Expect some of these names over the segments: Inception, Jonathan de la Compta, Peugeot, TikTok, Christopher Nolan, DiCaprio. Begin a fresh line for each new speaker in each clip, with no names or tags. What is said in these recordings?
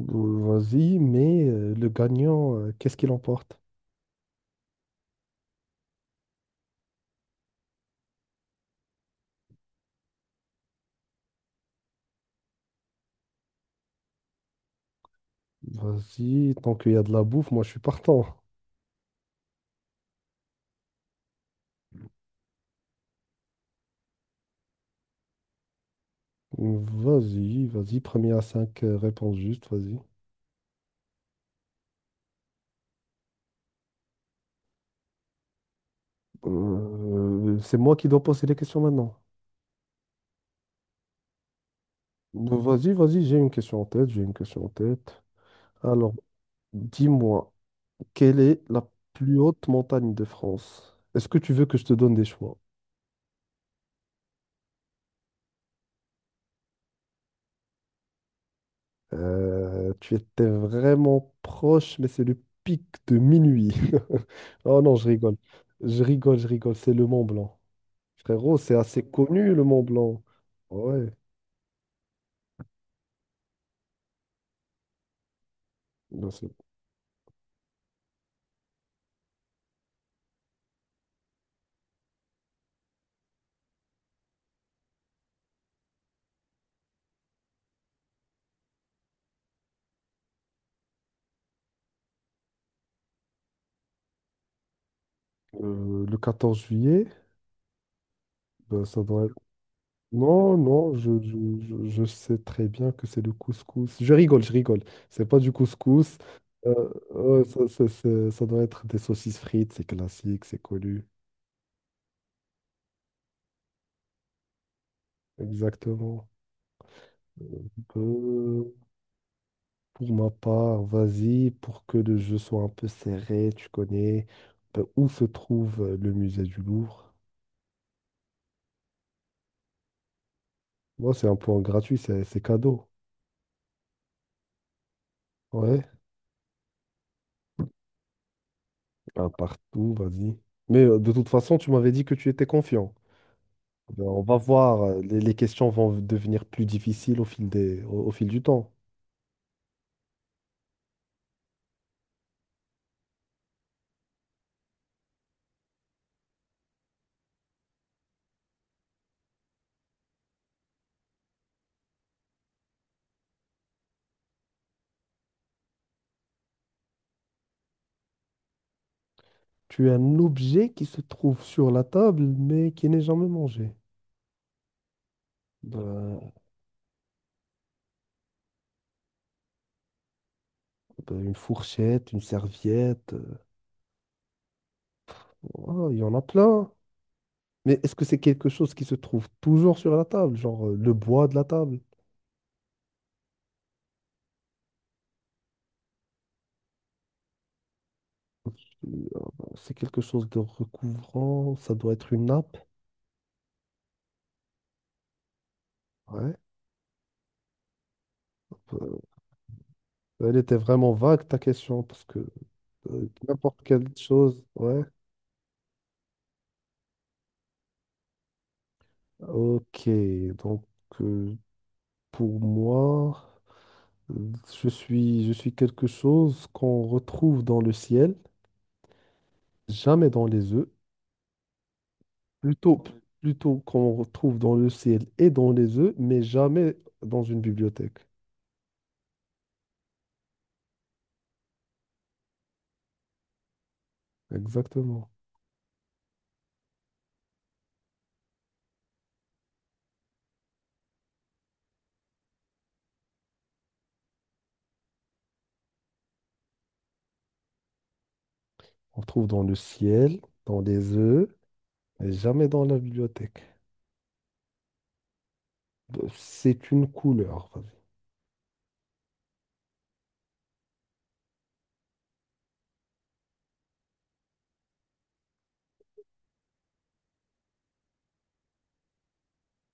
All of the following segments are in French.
Vas-y, mais le gagnant, qu'est-ce qu'il emporte? Vas-y, tant qu'il y a de la bouffe, moi je suis partant. Vas-y, vas-y, premier à 5, réponses justes, vas-y. C'est moi qui dois poser les questions maintenant. Vas-y, vas-y, j'ai une question en tête, j'ai une question en tête. Alors, dis-moi, quelle est la plus haute montagne de France? Est-ce que tu veux que je te donne des choix? Tu étais vraiment proche, mais c'est le pic de minuit. Oh non, je rigole. Je rigole, je rigole. C'est le Mont Blanc. Frérot, c'est assez connu, le Mont Blanc. Ouais. Ben, le 14 juillet, ben, Non, non, je sais très bien que c'est le couscous. Je rigole, je rigole. C'est pas du couscous. Ouais, ça doit être des saucisses frites, c'est classique, c'est connu. Exactement. Euh, Pour ma part, vas-y, pour que le jeu soit un peu serré, tu connais ben, où se trouve le musée du Louvre. Moi, c'est un point gratuit, c'est cadeau. Ouais, un partout, vas-y. Mais de toute façon, tu m'avais dit que tu étais confiant. Ben, on va voir, les questions vont devenir plus difficiles au fil des, au fil du temps. Tu es un objet qui se trouve sur la table, mais qui n'est jamais mangé. Ben, ben, une fourchette, une serviette, oh, il y en a plein. Mais est-ce que c'est quelque chose qui se trouve toujours sur la table, genre le bois de la table? Euh, C'est quelque chose de recouvrant, ça doit être une nappe. Ouais. Euh, Elle était vraiment vague ta question parce que n'importe quelle chose. Ouais. Ok. Donc euh, pour moi, euh, je suis quelque chose qu'on retrouve dans le ciel, jamais dans les œufs. Plutôt, plutôt, qu'on retrouve dans le ciel et dans les œufs, mais jamais dans une bibliothèque. Exactement. On trouve dans le ciel, dans les œufs, mais jamais dans la bibliothèque. Bah, c'est une couleur, vas-y.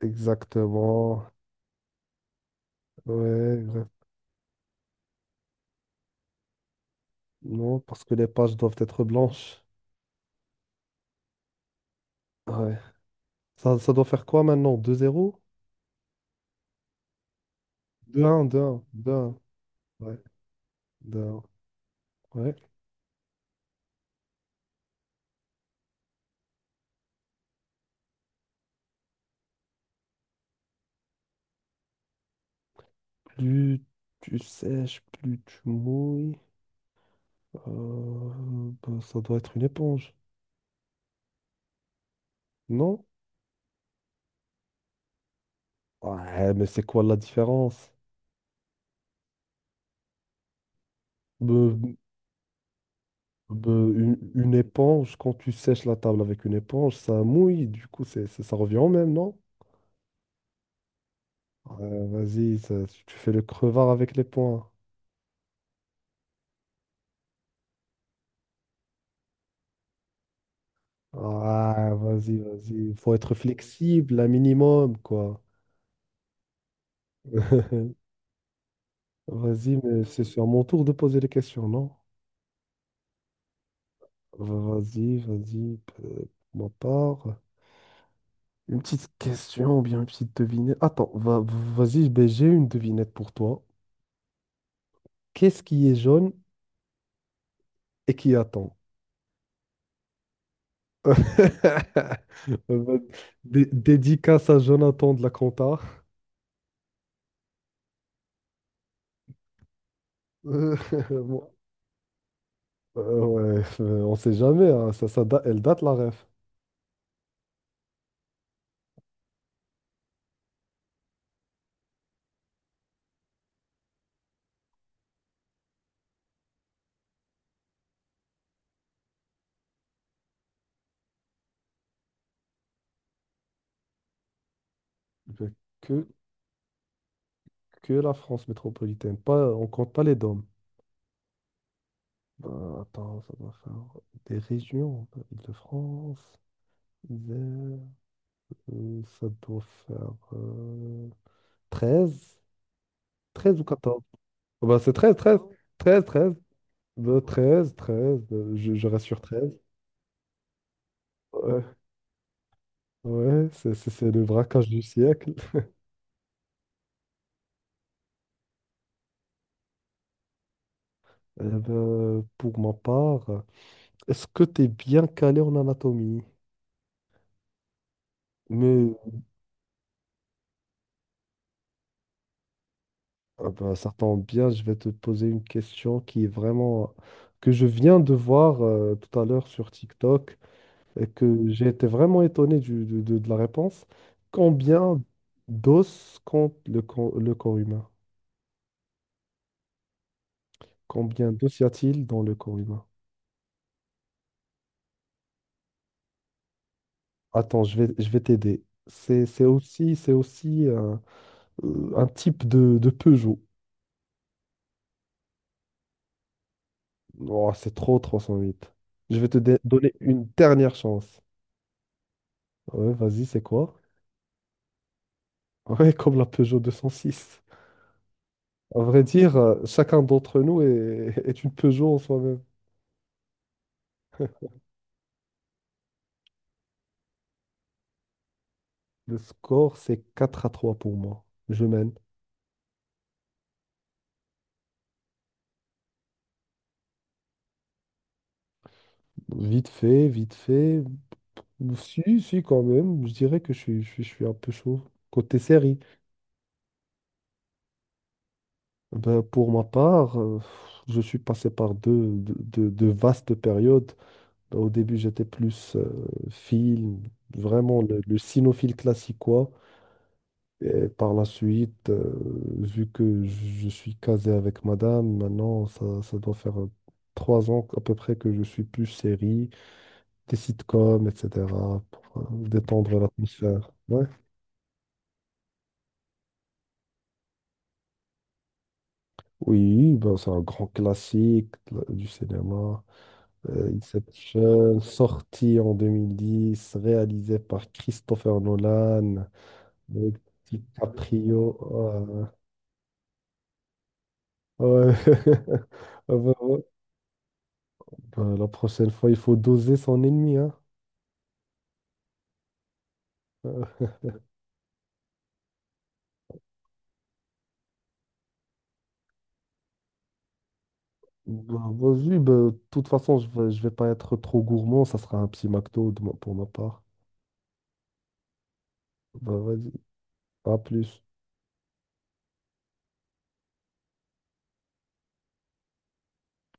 Exactement. Ouais, Non, parce que les pages doivent être blanches. Ouais. Ça doit faire quoi maintenant? 2-0. 2-1, deux un, deux un. Ouais, 2-1. Ouais. Plus tu sèches, plus tu mouilles. Euh, bah, ça doit être une éponge. Non? Ouais, mais c'est quoi la différence? Ben, une éponge, quand tu sèches la table avec une éponge, ça mouille, du coup, ça revient au même, non? Vas-y, tu fais le crevard avec les poings. Ah, vas-y, vas-y. Il faut être flexible, un minimum, quoi. Vas-y, mais c'est sur mon tour de poser les questions, non? Vas-y, vas-y, pour ma part. Une petite question ou bien une petite devinette. Attends, vas-y, ben, j'ai une devinette pour toi. Qu'est-ce qui est jaune et qui attend? Euh, Dédicace à Jonathan de la Compta. Euh, bon, ouais, on sait jamais, hein, elle date la ref. Je- Que, que la France métropolitaine, pas, on compte pas les DOM. Attends, ça doit faire des régions, Île-de-France, Isère, ça doit faire 13, 13 ou 14. Oh, bah, c'est 13, 13, 13, 13, de 13, 13, je reste sur 13. Ouais, ouais, c'est le braquage du siècle. Eh ben, pour ma part, est-ce que tu es bien calé en anatomie? Mais ah ben, ça tombe bien, je vais te poser une question qui est vraiment que je viens de voir tout à l'heure sur TikTok et que j'ai été vraiment étonné de la réponse. Combien d'os compte le corps humain? Combien d'os y a-t-il dans le corps humain? Attends, je vais t'aider. C'est aussi, un type de Peugeot. Oh, c'est trop 308. Je vais te donner une dernière chance. Ouais, vas-y, c'est quoi? Ouais, comme la Peugeot 206. À vrai dire, chacun d'entre nous est, est une Peugeot en soi-même. Le score, c'est 4-3 pour moi. Je mène. Vite fait, vite fait. Si, si, quand même. Je dirais que je suis un peu chaud. Côté série. Ben, pour ma part, je suis passé par deux vastes périodes. Ben, au début, j'étais plus film, vraiment le cinéphile classiquois. Et par la suite, vu que je suis casé avec madame, maintenant, ça doit faire 3 ans à peu près que je suis plus série, des sitcoms, etc., pour détendre l'atmosphère. Ouais. Oui, ben, c'est un grand classique de du cinéma. Inception, sorti en 2010, réalisé par Christopher Nolan, avec DiCaprio. Ouais. Ah bah ouais. Bah, la prochaine fois, il faut doser son ennemi, hein. Euh, bah, vas-y, bah, de toute façon, je vais pas être trop gourmand, ça sera un petit McDo de pour ma part. Bah, vas-y, à plus.